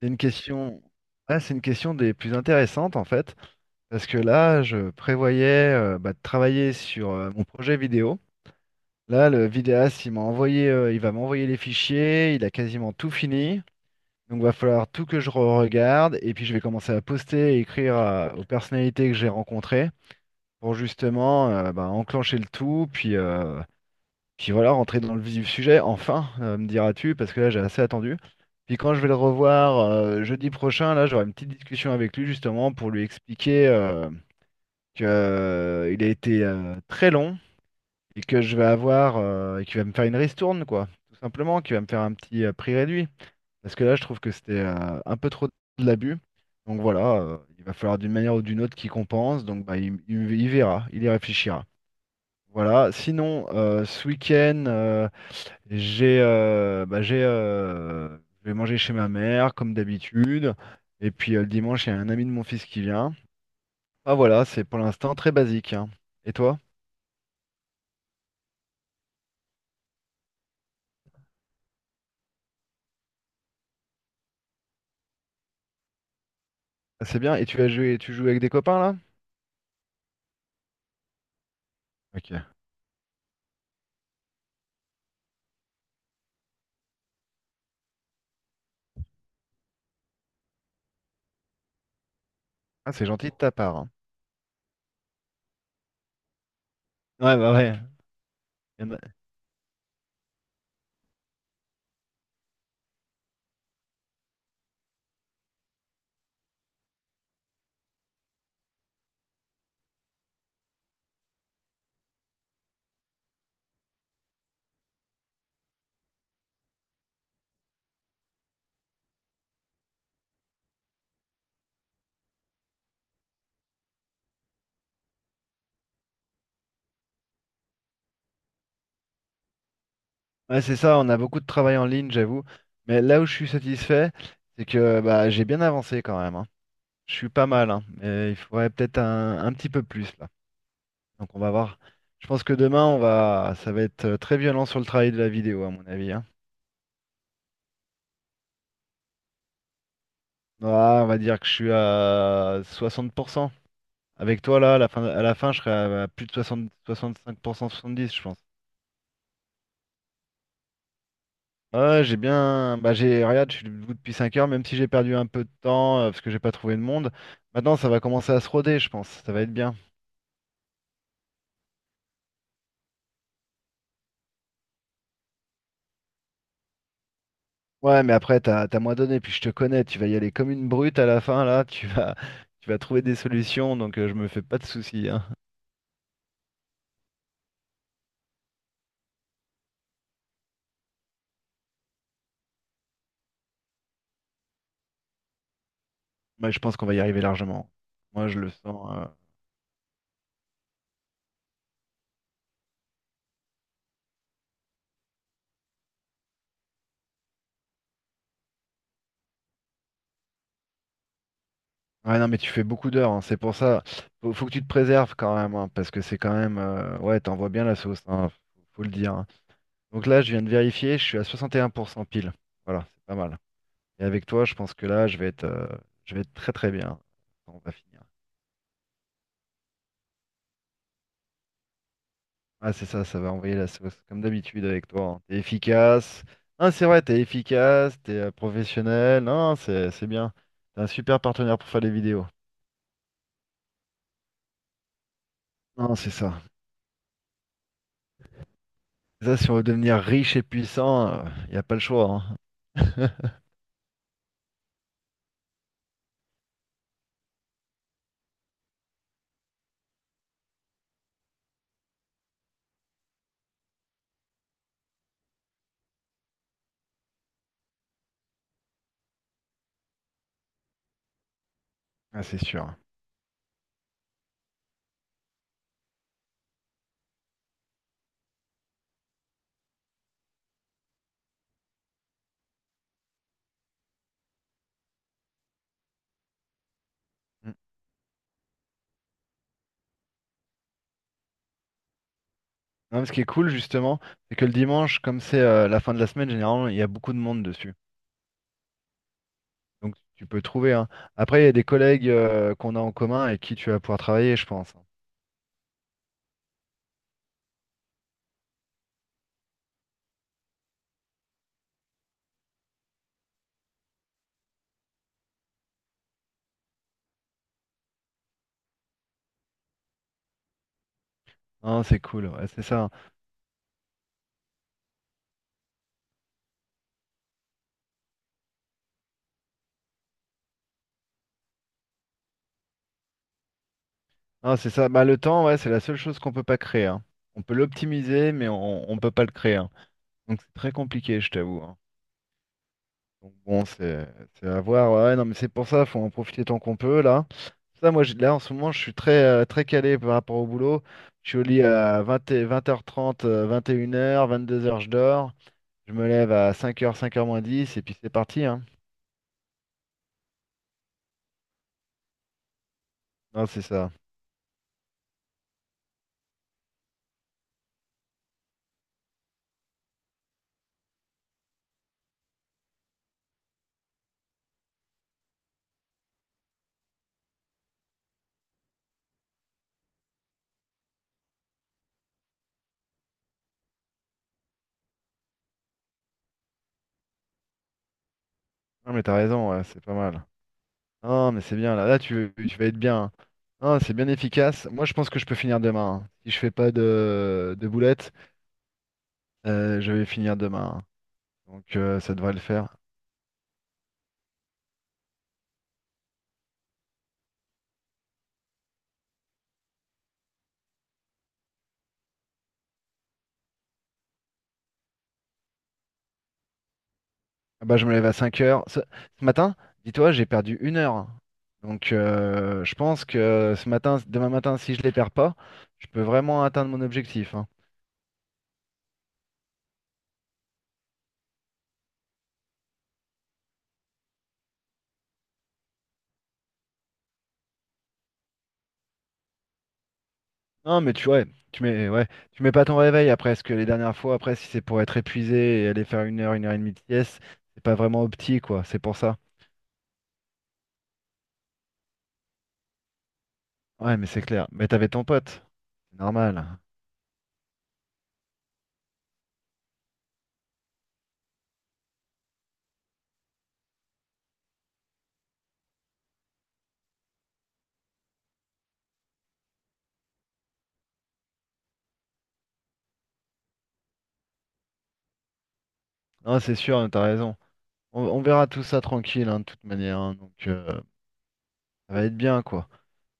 C'est une question, ah, c'est une question des plus intéressantes en fait, parce que là, je prévoyais de travailler sur mon projet vidéo. Là, le vidéaste, il va m'envoyer les fichiers, il a quasiment tout fini. Donc, va falloir tout que je regarde et puis je vais commencer à poster et écrire aux personnalités que j'ai rencontrées pour justement enclencher le tout, puis voilà, rentrer dans le vif du sujet, enfin, me diras-tu, parce que là j'ai assez attendu. Puis quand je vais le revoir jeudi prochain, là j'aurai une petite discussion avec lui justement pour lui expliquer que il a été très long et que je vais avoir et qu'il va me faire une ristourne quoi, tout simplement, qu'il va me faire un petit prix réduit. Parce que là je trouve que c'était un peu trop de l'abus. Donc voilà, il va falloir d'une manière ou d'une autre qu'il compense. Donc bah, il verra, il y réfléchira. Voilà. Sinon, ce week-end, j'ai bah, j'ai je vais manger chez ma mère comme d'habitude. Et puis le dimanche, il y a un ami de mon fils qui vient. Ah voilà, c'est pour l'instant très basique, hein. Et toi? Ah, c'est bien. Et tu joues avec des copains là? Ok. Ah, c'est gentil de ta part, hein. Ouais, bah ouais. y en a- Ouais, c'est ça, on a beaucoup de travail en ligne, j'avoue. Mais là où je suis satisfait, c'est que bah, j'ai bien avancé quand même, hein. Je suis pas mal, hein. Mais il faudrait peut-être un petit peu plus là. Donc on va voir. Je pense que demain, ça va être très violent sur le travail de la vidéo, à mon avis, hein. Ah, on va dire que je suis à 60%. Avec toi, là, à la fin, je serai à plus de 60, 65%, 70, je pense. Ouais, j'ai bien. Bah, j'ai. Regarde, je suis debout depuis 5h, même si j'ai perdu un peu de temps parce que j'ai pas trouvé de monde. Maintenant, ça va commencer à se roder, je pense. Ça va être bien. Ouais, mais après, t'as moins donné, puis je te connais. Tu vas y aller comme une brute à la fin, là. Tu vas, tu vas trouver des solutions, donc je me fais pas de soucis, hein. Moi, je pense qu'on va y arriver largement. Moi, je le sens. Ouais, non, mais tu fais beaucoup d'heures, hein. C'est pour ça. Faut que tu te préserves quand même, hein, parce que c'est quand même. Ouais, t'envoies bien la sauce, hein. Faut le dire, hein. Donc là, je viens de vérifier. Je suis à 61% pile. Voilà, c'est pas mal. Et avec toi, je pense que là, je vais être très très bien. On va finir. Ah, c'est ça. Ça va envoyer la sauce, comme d'habitude avec toi, hein. T'es efficace. Ah, c'est vrai. T'es efficace. T'es professionnel. Non, c'est bien. T'es un super partenaire pour faire des vidéos. Non, c'est ça. Ça, si on veut devenir riche et puissant, il n'y a pas le choix, hein. Ah, c'est sûr. Mm. Non, mais ce qui est cool, justement, c'est que le dimanche, comme c'est la fin de la semaine, généralement, il y a beaucoup de monde dessus. Donc, tu peux trouver, hein. Après, il y a des collègues qu'on a en commun et qui tu vas pouvoir travailler, je pense, hein. Non, c'est cool. Ouais, c'est ça, hein. Non, c'est ça. Bah, le temps, ouais, c'est la seule chose qu'on peut pas créer, hein. On peut l'optimiser, mais on ne peut pas le créer, hein. Donc, c'est très compliqué, je t'avoue, hein. Donc bon, c'est à voir. Ouais, non, mais c'est pour ça, faut en profiter tant qu'on peut là. Ça, moi, là en ce moment, je suis très très calé par rapport au boulot. Je suis au lit à 20h, 20h30, 21h, 22h, je dors. Je me lève à 5h, 5h moins 10 et puis c'est parti, hein. Non, c'est ça. Non, mais t'as raison, ouais, c'est pas mal. Non, mais c'est bien là. Là, tu vas être bien, hein. Non, c'est bien efficace. Moi, je pense que je peux finir demain, hein. Si je fais pas de boulettes, je vais finir demain, hein. Donc ça devrait le faire. Ah bah, je me lève à 5h. Ce matin, dis-toi, j'ai perdu 1h. Donc je pense que ce matin, demain matin, si je les perds pas, je peux vraiment atteindre mon objectif, hein. Non, mais tu ouais, ouais, tu mets pas ton réveil après, parce que les dernières fois, après, si c'est pour être épuisé et aller faire une heure et demie de sieste, c'est pas vraiment opti, quoi. C'est pour ça. Ouais, mais c'est clair. Mais t'avais ton pote. C'est normal. Non, c'est sûr, t'as raison. On verra tout ça tranquille, hein, de toute manière, hein, donc, ça va être bien, quoi.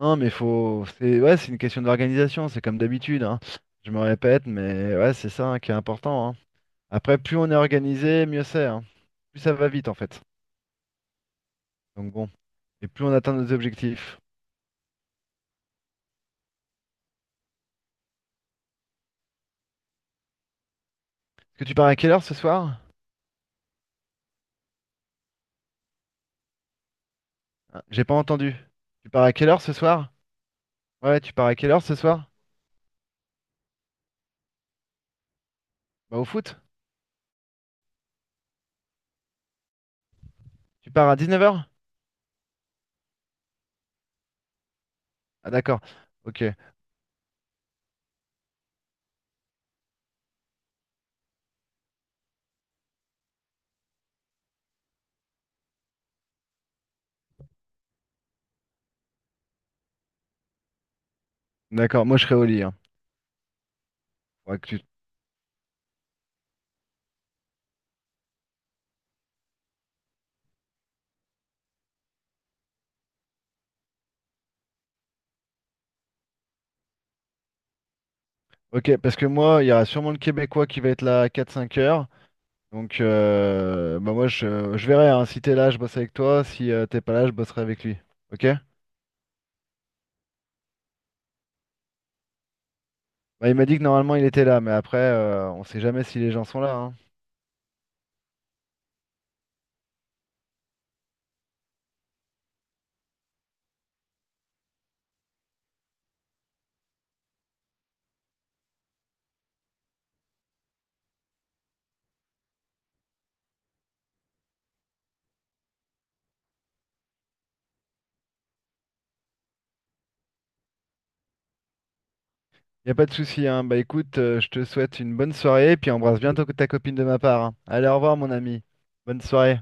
Non, mais faut. C'est ouais, c'est une question d'organisation, c'est comme d'habitude, hein. Je me répète, mais ouais, c'est ça, hein, qui est important, hein. Après, plus on est organisé, mieux c'est, hein. Plus ça va vite, en fait. Donc bon. Et plus on atteint nos objectifs. Est-ce que tu pars à quelle heure ce soir? Ah, j'ai pas entendu. Tu pars à quelle heure ce soir? Ouais, tu pars à quelle heure ce soir? Bah au foot? Tu pars à 19h? Ah d'accord. Ok. D'accord, moi je serai au lit, hein. Faudra que tu. Ok, parce que moi, il y aura sûrement le Québécois qui va être là à 4, 5h. Donc, bah moi, je verrai, hein. Si t'es là, je bosse avec toi. Si t'es pas là, je bosserai avec lui. Ok? Bah, il m'a dit que normalement, il était là. Mais après, on sait jamais si les gens sont là. Hein. Y a pas de souci. Hein. Bah écoute, je te souhaite une bonne soirée. Puis embrasse bien ta copine de ma part, hein. Allez, au revoir, mon ami. Bonne soirée.